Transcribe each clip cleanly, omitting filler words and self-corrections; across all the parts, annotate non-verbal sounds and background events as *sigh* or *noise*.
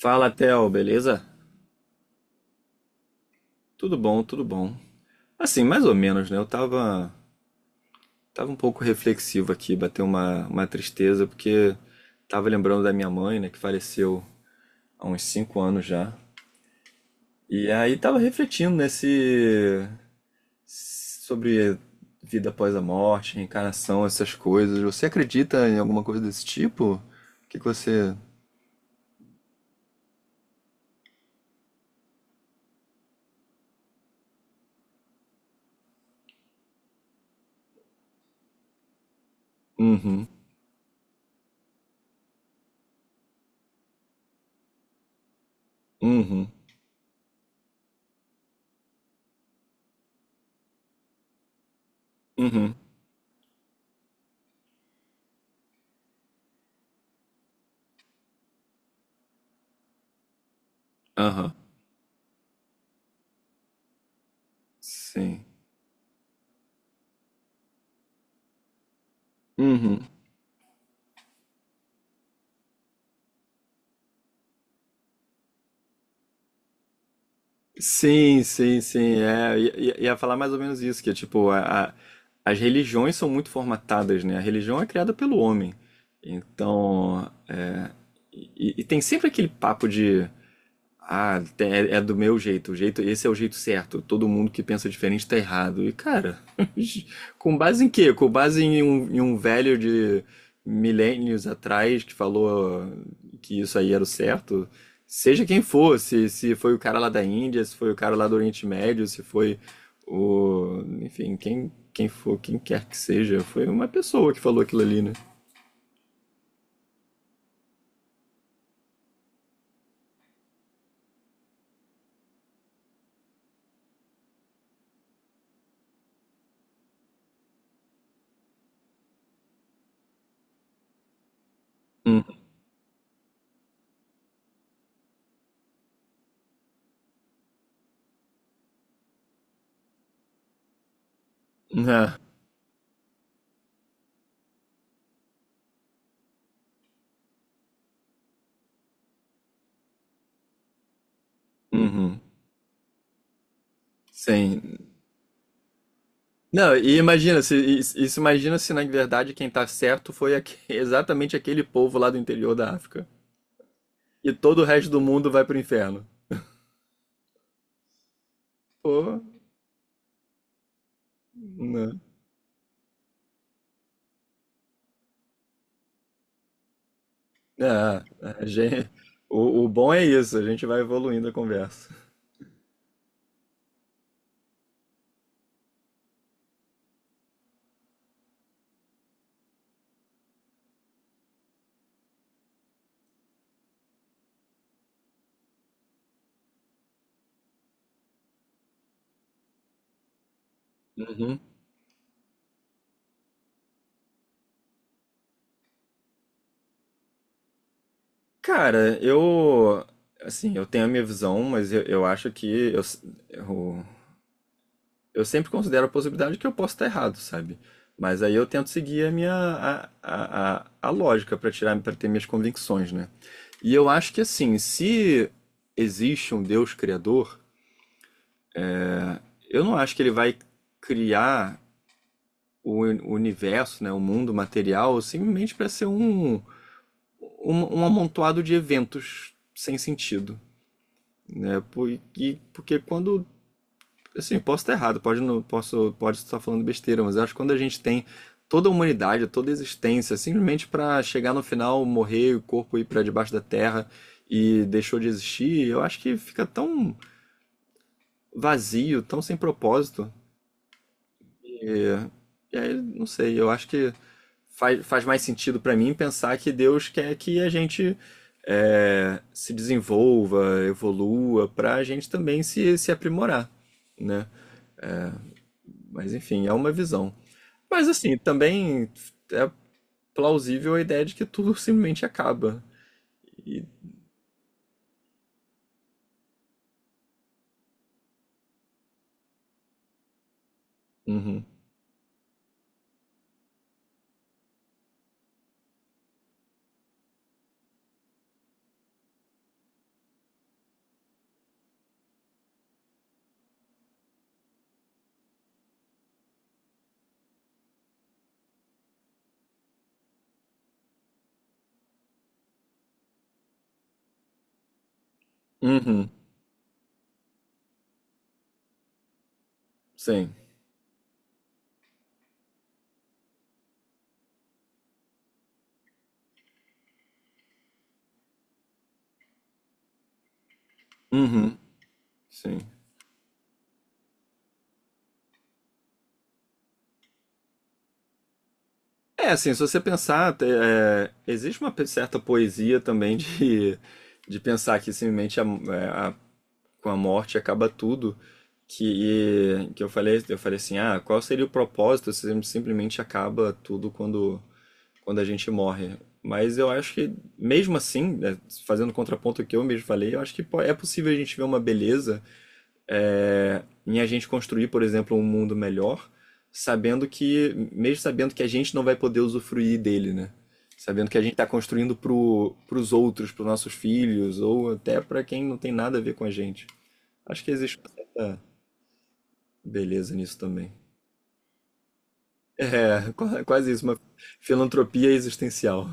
Fala, Theo, beleza? Tudo bom, tudo bom. Assim, mais ou menos, né? Eu tava um pouco reflexivo aqui, bateu uma tristeza, porque tava lembrando da minha mãe, né, que faleceu há uns 5 anos já. E aí tava refletindo sobre vida após a morte, reencarnação, essas coisas. Você acredita em alguma coisa desse tipo? O que que você. Uhum, uhum, uhum, aham, sim, uhum. Sim, sim, sim. É, ia falar mais ou menos isso, que é tipo, as religiões são muito formatadas, né? A religião é criada pelo homem. Então, e tem sempre aquele papo de ah, é do meu jeito, o jeito, esse é o jeito certo. Todo mundo que pensa diferente tá errado. E cara, *laughs* com base em quê? Com base em um velho de milênios atrás que falou que isso aí era o certo. Seja quem for, se foi o cara lá da Índia, se foi o cara lá do Oriente Médio, se foi enfim, quem for, quem quer que seja, foi uma pessoa que falou aquilo ali, né? Hum. Ah, uhum. Sim. Não, e imagina, se, isso imagina se na verdade quem tá certo foi *laughs* exatamente aquele povo lá do interior da África. E todo o resto do mundo vai pro inferno. Pô, não. Ah, a gente, o bom é isso, a gente vai evoluindo a conversa. Uhum. Cara, eu. Assim, eu tenho a minha visão, mas eu acho que eu, eu sempre considero a possibilidade que eu posso estar errado, sabe? Mas aí eu tento seguir a minha a lógica para tirar para ter minhas convicções, né? E eu acho que assim, se existe um Deus criador, eu não acho que ele vai criar o universo, né, o mundo material, simplesmente para ser um amontoado de eventos sem sentido, né? Porque quando assim, posso estar errado, pode, não, posso, pode estar falando besteira, mas eu acho que quando a gente tem toda a humanidade, toda a existência, simplesmente para chegar no final, morrer, o corpo ir para debaixo da terra e deixou de existir, eu acho que fica tão vazio, tão sem propósito. E, e aí, não sei, eu acho que faz mais sentido para mim pensar que Deus quer que a gente se desenvolva, evolua, para a gente também se aprimorar, né? Mas enfim, é uma visão. Mas assim, também é plausível a ideia de que tudo simplesmente acaba. E. Uhum. Uhum. Sim. Uhum. Sim. É, assim, se você pensar, existe uma certa poesia também de pensar que simplesmente com a morte acaba tudo. Que eu falei, assim, ah, qual seria o propósito se simplesmente acaba tudo quando a gente morre. Mas eu acho que, mesmo assim, né, fazendo contraponto ao que eu mesmo falei, eu acho que é possível a gente ver uma beleza em a gente construir, por exemplo, um mundo melhor, sabendo que, mesmo sabendo que a gente não vai poder usufruir dele, né? Sabendo que a gente está construindo pros outros, pros nossos filhos, ou até para quem não tem nada a ver com a gente. Acho que existe uma certa beleza nisso também. É, *laughs* quase isso, uma filantropia existencial.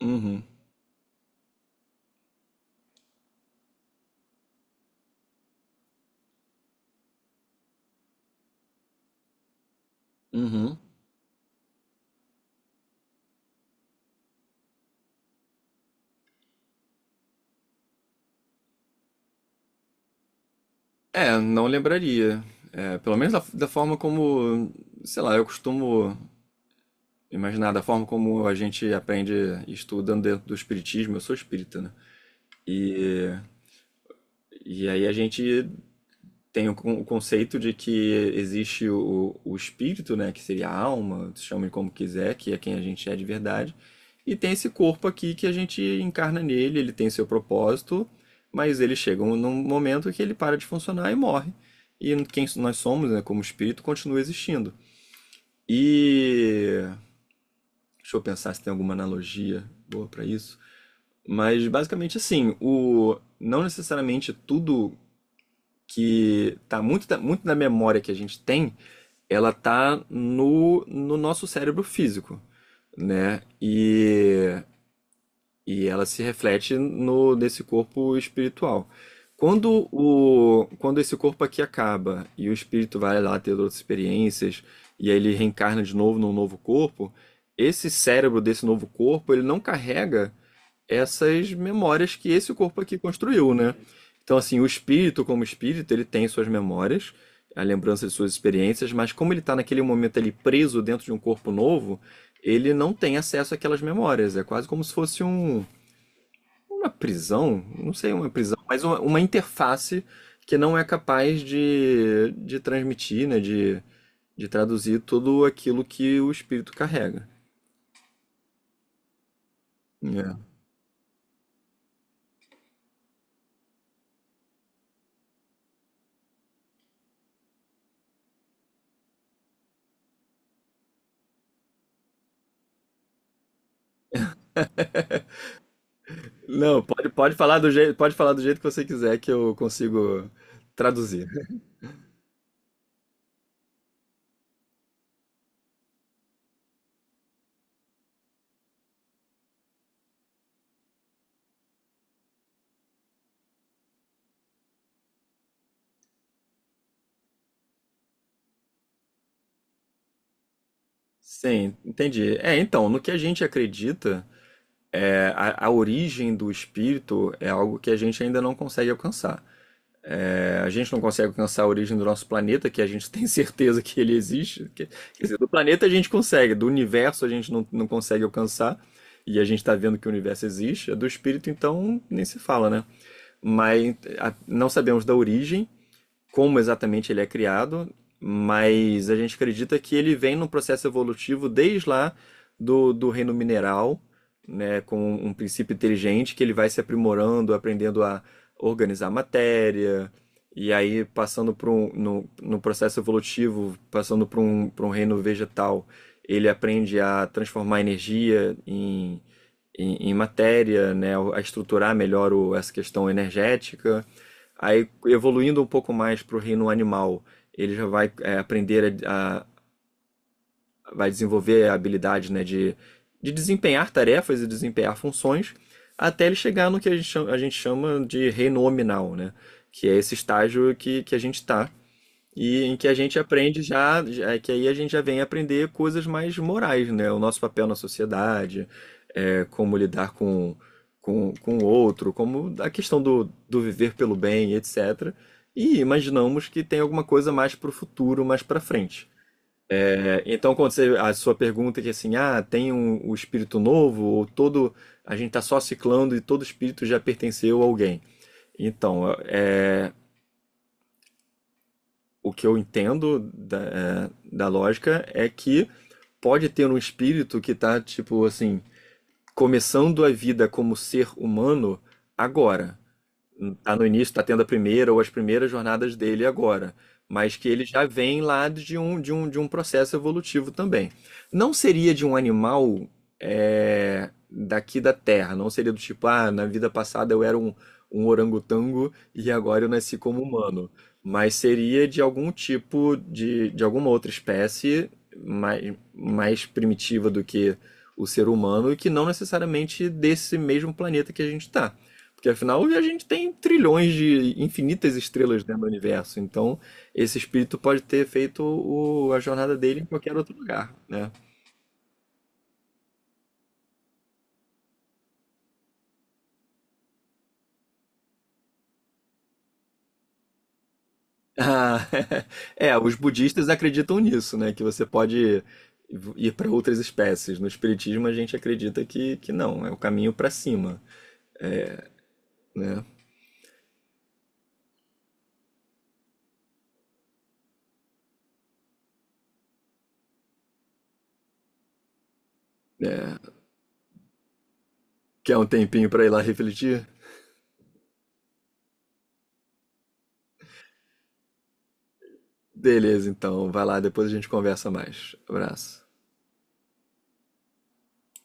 Uhum, uhum. É, não lembraria. É, pelo menos da forma como, sei lá, eu costumo imaginar, da forma como a gente aprende estudando dentro do espiritismo. Eu sou espírita, né? E, e aí a gente tem o conceito de que existe o espírito, né, que seria a alma, chame como quiser, que é quem a gente é de verdade, e tem esse corpo aqui que a gente encarna nele, ele tem seu propósito, mas ele chega num momento que ele para de funcionar e morre. E quem nós somos, né, como espírito, continua existindo. E deixa eu pensar se tem alguma analogia boa para isso. Mas basicamente assim, o não necessariamente tudo que tá muito da memória que a gente tem ela tá no nosso cérebro físico, né? E ela se reflete no nesse corpo espiritual. Quando esse corpo aqui acaba e o espírito vai lá ter outras experiências e aí ele reencarna de novo num novo corpo, esse cérebro desse novo corpo, ele não carrega essas memórias que esse corpo aqui construiu, né? Então, assim, o espírito, como espírito, ele tem suas memórias, a lembrança de suas experiências, mas como ele está naquele momento ali preso dentro de um corpo novo, ele não tem acesso àquelas memórias. É quase como se fosse uma prisão, não sei, uma prisão, mas uma interface que não é capaz de transmitir, né? De traduzir tudo aquilo que o espírito carrega. É. Não, pode falar do jeito que você quiser que eu consigo traduzir. Sim, entendi. É, então, no que a gente acredita, a origem do espírito é algo que a gente ainda não consegue alcançar. É, a gente não consegue alcançar a origem do nosso planeta, que a gente *laughs* tem certeza que ele existe. Que, quer dizer, do planeta a gente consegue, do universo a gente não consegue alcançar. E a gente está vendo que o universo existe. Do espírito, então, nem se fala, né? Mas não sabemos da origem como exatamente ele é criado, mas a gente acredita que ele vem num processo evolutivo desde lá do reino mineral, né, com um princípio inteligente que ele vai se aprimorando, aprendendo a organizar matéria, e aí passando por um, no, no processo evolutivo, passando por um reino vegetal, ele aprende a transformar energia em matéria, né, a estruturar melhor essa questão energética. Aí, evoluindo um pouco mais para o reino animal, ele já vai vai desenvolver a habilidade, né, de desempenhar tarefas e desempenhar funções, até ele chegar no que a gente chama, de reino hominal, né, que é esse estágio que a gente está e em que a gente aprende é que aí a gente já vem aprender coisas mais morais, né? O nosso papel na sociedade, como lidar com o outro, como a questão do viver pelo bem, etc. E imaginamos que tem alguma coisa mais para o futuro, mais para frente. É, então, a sua pergunta é que assim, ah, tem o espírito novo, a gente está só ciclando e todo espírito já pertenceu a alguém. Então, o que eu entendo da lógica é que pode ter um espírito que tá, tipo assim, começando a vida como ser humano agora tá no início, tá tendo a primeira ou as primeiras jornadas dele agora, mas que ele já vem lá de um processo evolutivo também. Não seria de um animal daqui da Terra, não seria do tipo, ah, na vida passada eu era um orangotango e agora eu nasci como humano, mas seria de algum tipo de alguma outra espécie mais primitiva do que o ser humano e que não necessariamente desse mesmo planeta que a gente está. Porque afinal a gente tem trilhões de infinitas estrelas dentro do universo. Então esse espírito pode ter feito a jornada dele em qualquer outro lugar, né? Ah, *laughs* os budistas acreditam nisso, né? Que você pode ir para outras espécies. No espiritismo a gente acredita que não, é o caminho para cima, né? É, quer um tempinho para ir lá refletir? Beleza, então vai lá, depois a gente conversa mais. Abraço.